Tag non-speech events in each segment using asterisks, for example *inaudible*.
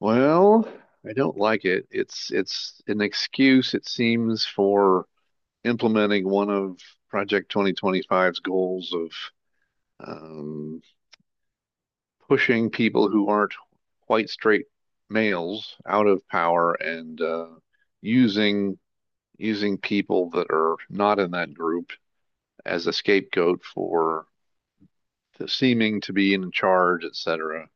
Well, I don't like it. It's an excuse, it seems, for implementing one of Project 2025's goals of um, pushing people who aren't white straight males out of power, and using using people that are not in that group as a scapegoat for the seeming to be in charge, etc.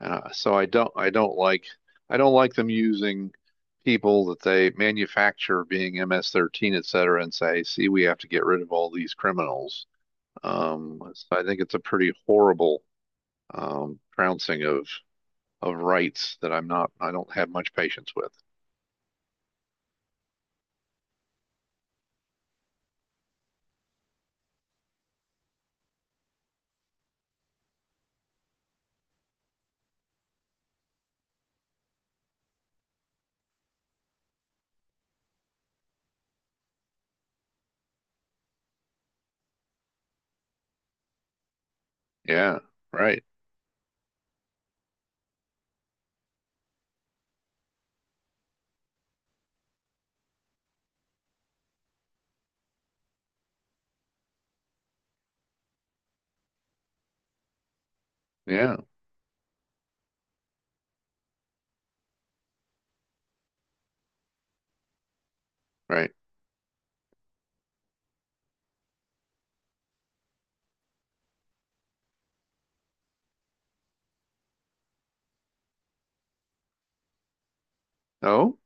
Uh, so I don't I don't like I don't like them using people that they manufacture being MS-13, et cetera, and say, see, we have to get rid of all these criminals. So I think it's a pretty horrible trouncing of rights that I don't have much patience with. Yeah, right. Yeah, right. Oh,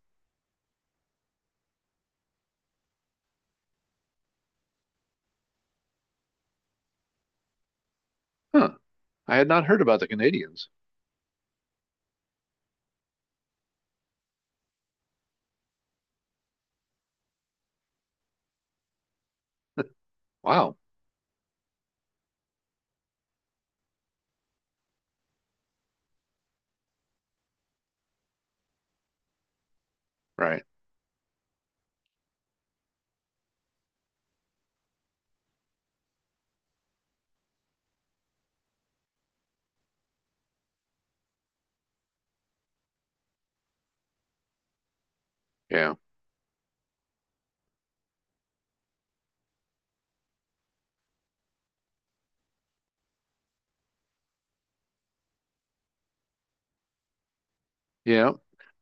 huh. I had not heard about the Canadians. Wow. Right. Yeah. Yeah,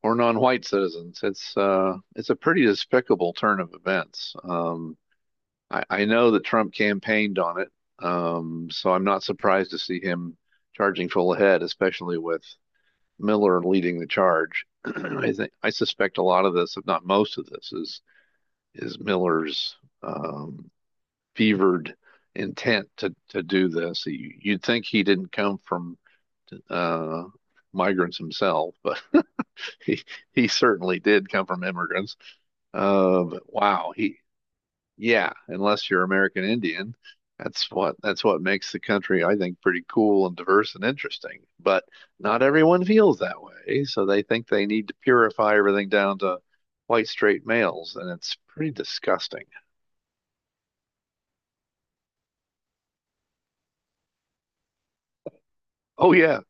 or non-white citizens. It's a pretty despicable turn of events. I know that Trump campaigned on it, so I'm not surprised to see him charging full ahead, especially with Miller leading the charge. *clears throat* I think I suspect a lot of this, if not most of this, is Miller's um, fevered intent to do this. You'd think he didn't come from uh, migrants himself, but he he certainly did come from immigrants. But wow, he yeah, unless you're American Indian, that's what makes the country, I think, pretty cool and diverse and interesting. But not everyone feels that way, so they think they need to purify everything down to white straight males, and it's pretty disgusting. Oh yeah,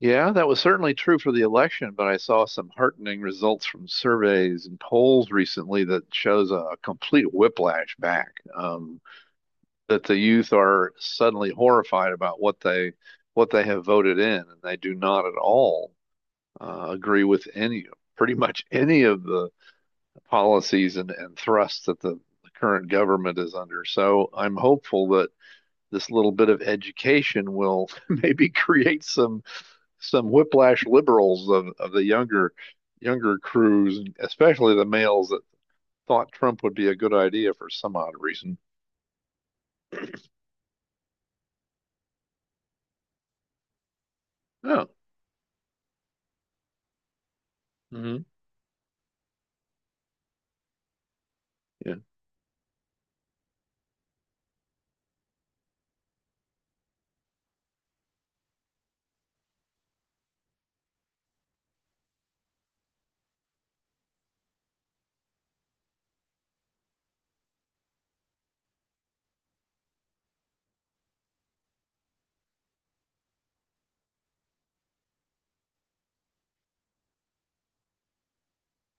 yeah, that was certainly true for the election, but I saw some heartening results from surveys and polls recently that shows a complete whiplash back. That the youth are suddenly horrified about what they have voted in, and they do not at all agree with any pretty much *laughs* any of the policies and, thrusts that the current government is under. So I'm hopeful that this little bit of education will *laughs* maybe create some whiplash liberals of the younger crews, especially the males that thought Trump would be a good idea for some odd reason. Oh, mm-hmm. Yeah,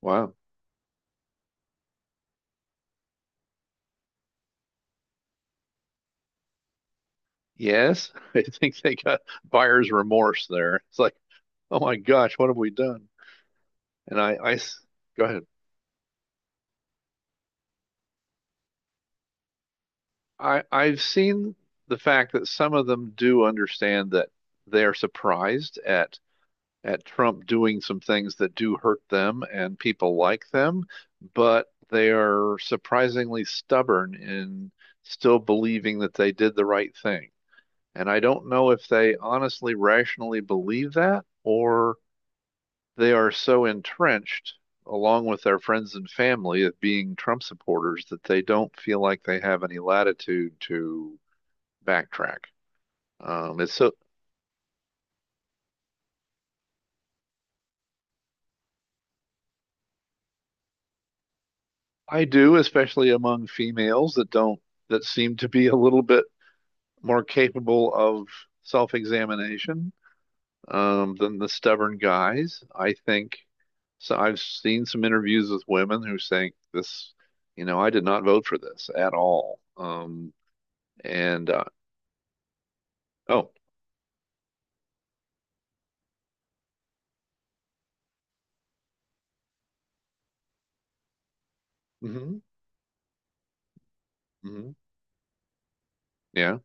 wow. Yes, *laughs* I think they got buyer's remorse there. It's like, oh my gosh, what have we done? And I s- Go ahead. I've seen the fact that some of them do understand that they're surprised at Trump doing some things that do hurt them and people like them, but they are surprisingly stubborn in still believing that they did the right thing. And I don't know if they honestly, rationally believe that, or they are so entrenched, along with their friends and family, of being Trump supporters, that they don't feel like they have any latitude to backtrack. It's so I do, especially among females that don't that seem to be a little bit more capable of self-examination, than the stubborn guys. I think so. I've seen some interviews with women who say this, you know, I did not vote for this at all. And uh, oh, mhm. Hmm. Yeah,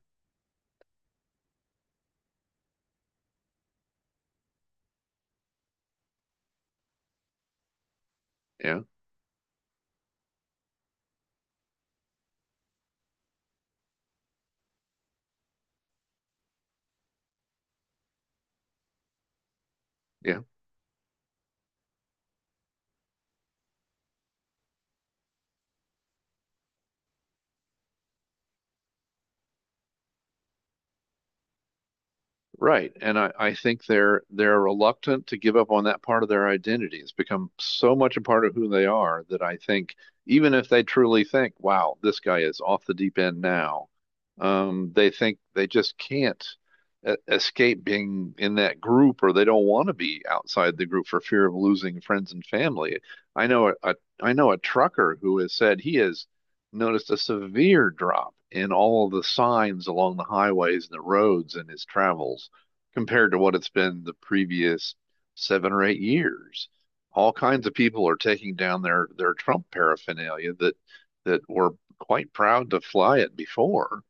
yeah, yeah. Right. And I think they're reluctant to give up on that part of their identity. It's become so much a part of who they are that I think even if they truly think, wow, this guy is off the deep end now, they think they just can't escape being in that group, or they don't want to be outside the group for fear of losing friends and family. I know a, a I know a trucker who has said he has noticed a severe drop in all of the signs along the highways and the roads in his travels compared to what it's been the previous 7 or 8 years. All kinds of people are taking down their Trump paraphernalia that were quite proud to fly it before,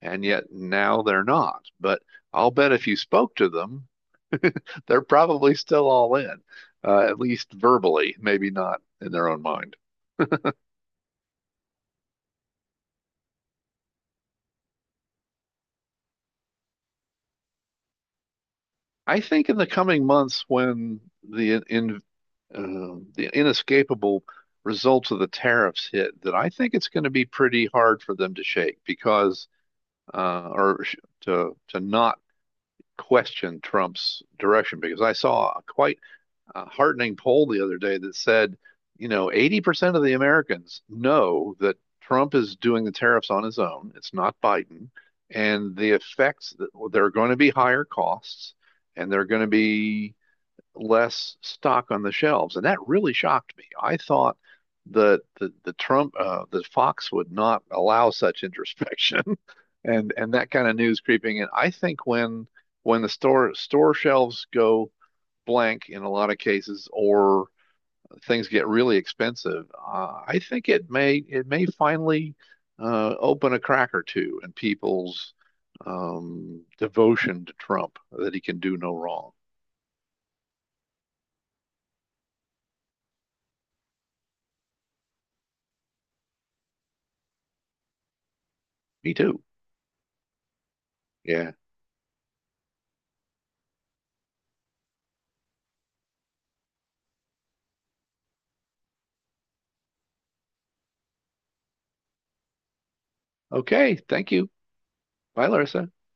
and yet now they're not. But I'll bet if you spoke to them, they're probably still all in, at least verbally, maybe not in their own mind. I think in the coming months, when the in the inescapable results of the tariffs hit, that I think it's going to be pretty hard for them to shake because or sh- to not question Trump's direction. Because I saw a quite heartening poll the other day that said, you know, 80% of the Americans know that Trump is doing the tariffs on his own. It's not Biden, and the effects that, well, there are going to be higher costs and there are going to be less stock on the shelves, and that really shocked me. I thought that the Trump the Fox would not allow such introspection, *laughs* and that kind of news creeping in. I think when the store shelves go blank in a lot of cases, or things get really expensive, I think it may finally open a crack or two in people's devotion to Trump that he can do no wrong. Me too. Yeah. Okay, thank you. Bye, Larissa.